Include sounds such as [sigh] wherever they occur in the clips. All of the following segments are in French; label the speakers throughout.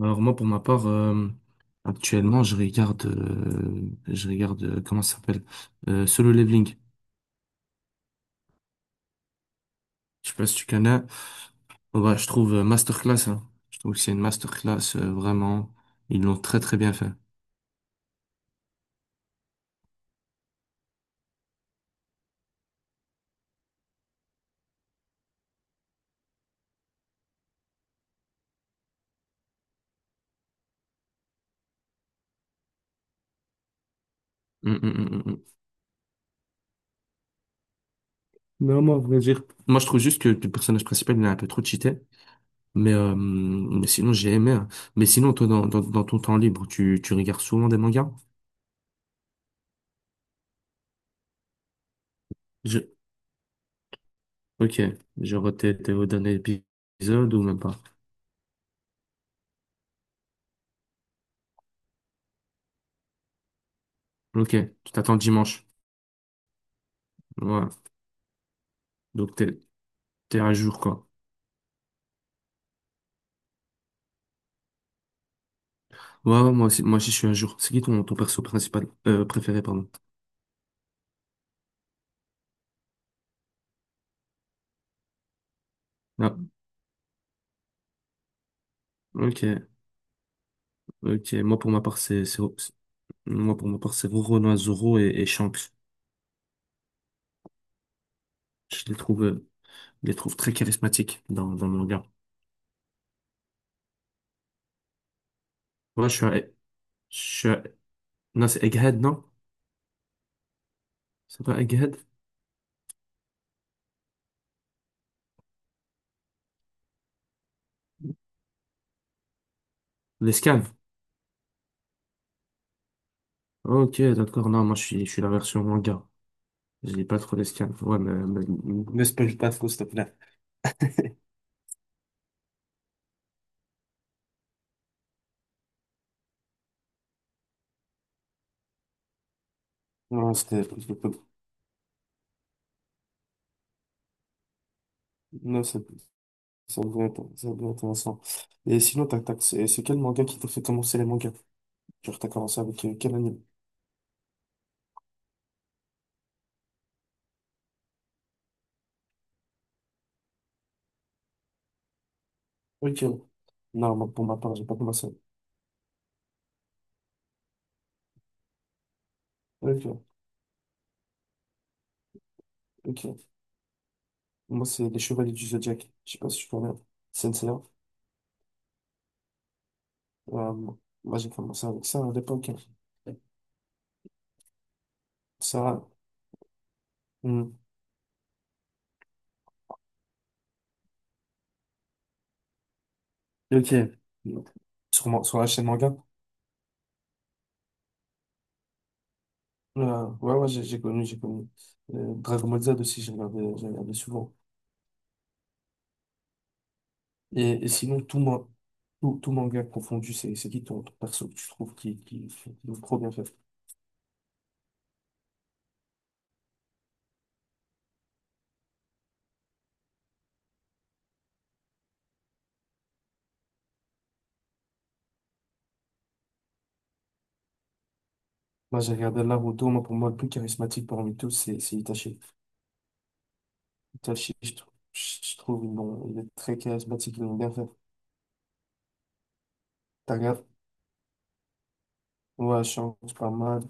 Speaker 1: Alors moi pour ma part actuellement je regarde comment ça s'appelle Solo Leveling. Je sais pas si tu connais. Je trouve masterclass, hein. Je trouve que c'est une masterclass vraiment. Ils l'ont très très bien fait. Hum, hum, hum, hum, hum. Non, moi, à vrai dire. Moi, je trouve juste que le personnage principal, il est un peu trop cheaté. Mais sinon, j'ai aimé, hein. Mais sinon, toi, dans ton temps libre, tu regardes souvent des mangas? Je... Ok. Genre, t'es au dernier épisode ou même pas? Ok. Tu t'attends le dimanche. Ouais. Donc t'es à jour quoi. Ouais, ouais, moi aussi je suis à jour. C'est qui ton perso principal préféré pardon. Ah, ok, ok. Moi pour ma part c'est Roronoa Zoro et Shanks. Je les trouve euh, je les trouve très charismatiques dans le manga. Moi je suis à- non c'est Egghead non? C'est pas Egghead? L'esclave. Ok d'accord, non moi je suis la version manga. Je lis pas trop l'esclave. Ne spoil pas trop s'il te plaît. [laughs] Non c'était non c'est ça devrait être intéressant. Et sinon, tac, tac, c'est quel manga qui t'a fait commencer les mangas? Genre, t'as commencé avec quel anime? Ok. Non, moi, pour ma part, j'ai pas commencé. Ok, ok. Moi, c'est Les Chevaliers du Zodiaque. Je sais pas si tu connais. Sensei. Euh, moi, j'ai commencé avec ça à l'époque. Ça. Hmm. Ok. Sur la chaîne manga? Ouais, ouais, j'ai connu, j'ai connu. Dragon Ball Z aussi, j'ai regardé souvent. Et sinon, tout, tout manga confondu, c'est qui ton perso que tu trouves qui est trop bien fait? Moi, j'ai regardé Naruto, moi, pour moi, le plus charismatique parmi tous, c'est Itachi. Itachi, je trouve, il est très charismatique, ils l'ont bien fait. T'as regardé? Ouais, je change pas mal.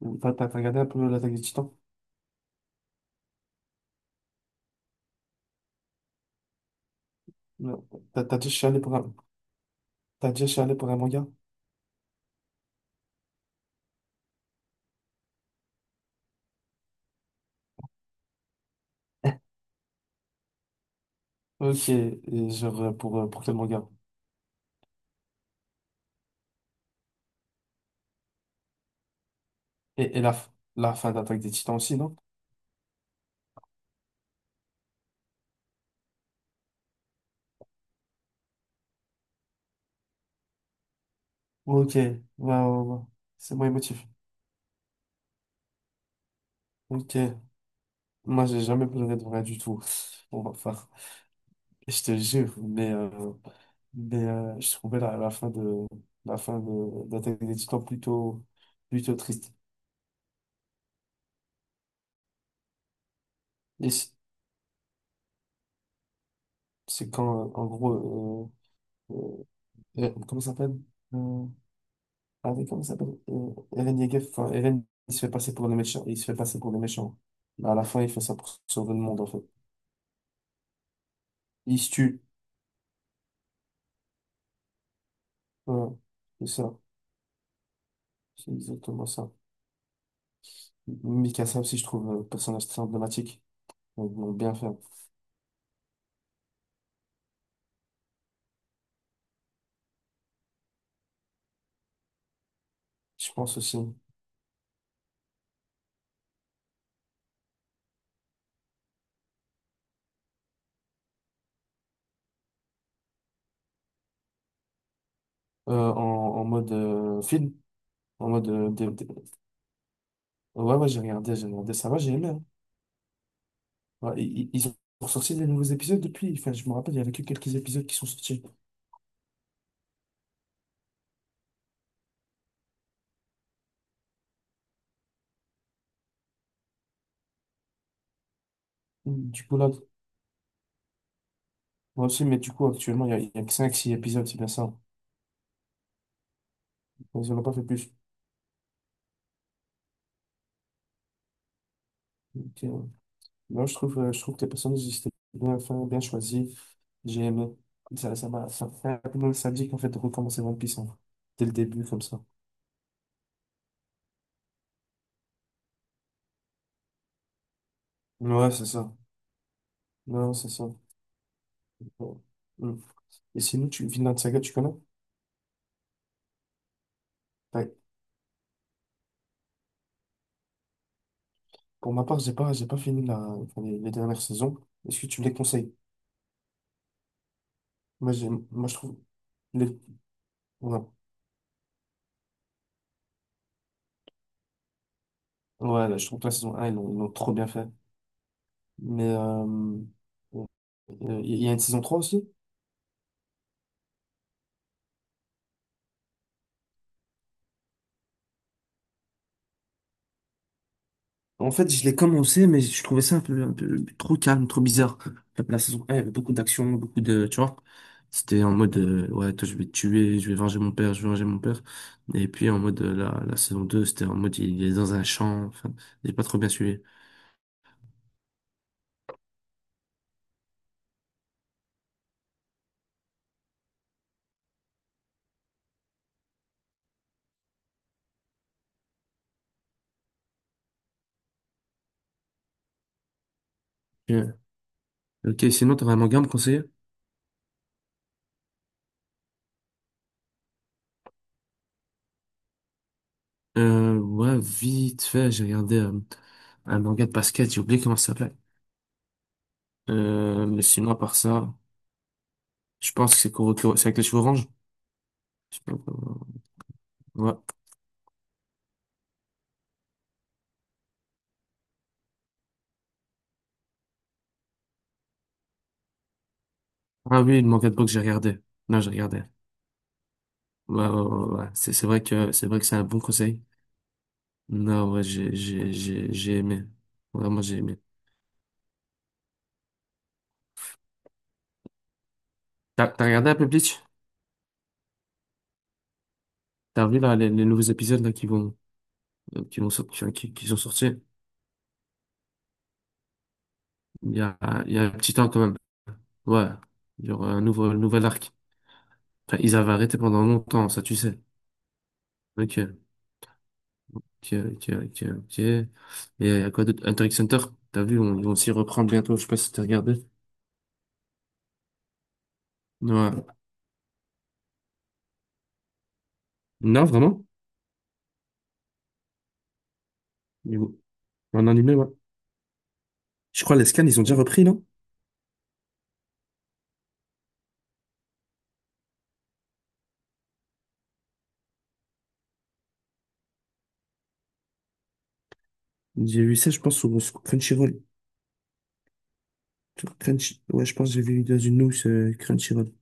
Speaker 1: T'as regardé un peu l'attaque des Titans? Non. T'as t'as déjà chialé pour un, t'as déjà chialé pour un manga? Ok, et genre, pour quel manga? Et, la fin d'Attaque des Titans aussi, non? Ok, ouais, ouais, ouais. C'est moins émotif. Ok. Moi, j'ai jamais pleuré de vrai du tout. [laughs] Bon, bah, enfin, je te jure, mais, je trouvais la fin de d'Attaque des Titans plutôt triste. Et c- c'est quand, en gros, euh, comment ça s'appelle? Euh, ah oui, comment ça s'appelle? Eren Yeager, enfin, Eren, il se fait passer pour le méchant. Il se fait passer pour le méchant. Mais à la fin, il fait ça pour sauver le monde, en fait. Il se tue. Voilà. C'est ça. C'est exactement ça. Mikasa aussi, je trouve, personnage très emblématique. Ils vont bien fait. Je pense aussi. Euh, en, en mode film. En mode. Dé- dé- Ouais, ouais, j'ai regardé ça, va, j'ai aimé, hein. Ouais, ils ont sorti des nouveaux épisodes depuis. Enfin, je me rappelle, il y avait que quelques épisodes qui sont sortis. Du coup, là, moi aussi, mais du coup, actuellement, il y a que 5-6 épisodes, c'est bien ça. Ils n'en ont pas fait plus. Donc, non, je trouve que les personnages, ils étaient bien faits, bien choisis. J'ai aimé. Ça fait un peu nostalgique, en fait, de recommencer One Piece, hein, dès le début, comme ça. Ouais, c'est ça. Non, c'est ça. Bon. Mm. Et sinon, Vinland Saga, tu connais? Ouais. Pour ma part, j'ai pas fini les dernières saisons. Est-ce que tu me les conseilles? Moi, j'ai, moi, je trouve, les, ouais. Ouais, là, je trouve que la saison un ils l'ont trop bien fait. Mais, bon, il y a une saison 3 aussi? En fait, je l'ai commencé, mais je trouvais ça un peu trop calme, trop bizarre. La saison 1, il y avait beaucoup d'action, beaucoup de, tu vois. C'était en mode, ouais, toi, je vais te tuer, je vais venger mon père, je vais venger mon père. Et puis, en mode, la saison deux, c'était en mode, il est dans un champ. Enfin, j'ai pas trop bien suivi. Ok, ok, sinon, t'aurais un manga à me conseiller? Ouais, vite fait, j'ai regardé un manga de basket, j'ai oublié comment ça s'appelait. Mais sinon, à part ça, je pense que c'est Kuroko, c'est avec les cheveux orange. Je sais pas comment- Ouais. Ah oui, le manga de boxe, j'ai regardé. Non, j'ai regardé. Ouais, ouais, ouais, ouais, ouais. C'est vrai que, c'est vrai que c'est un bon conseil. Non, ouais, j'ai aimé. Vraiment, j'ai aimé. T'as regardé un peu Bleach? T'as vu, là, les nouveaux épisodes, là, qui vont sortir, enfin, qui sont sortis? Il y a, il y a un petit temps, quand même. Ouais. Il y aura un nouvel arc. Enfin, ils avaient arrêté pendant longtemps, ça tu sais. Ok, ok. Et à quoi d'autre? Hunter x Hunter, t'as vu, ils vont s'y reprendre bientôt, je sais pas si t'as regardé. Ouais. Non, vraiment? Mais bon, en animé, ouais. Je crois les scans, ils ont déjà repris, non? J'ai vu ça, je pense, sur Crunchyroll. Sur Crunch... Ouais, je pense que j'ai vu dans une news Crunchyroll.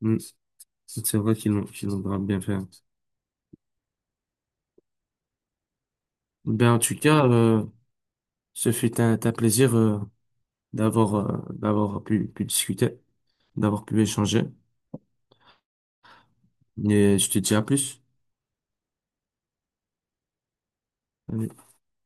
Speaker 1: Mm. C'est vrai qu'ils l'ont grave bien fait. Ben, en tout cas, un plaisir d'avoir pu discuter, d'avoir pu échanger. Et je te dis à plus. Allez.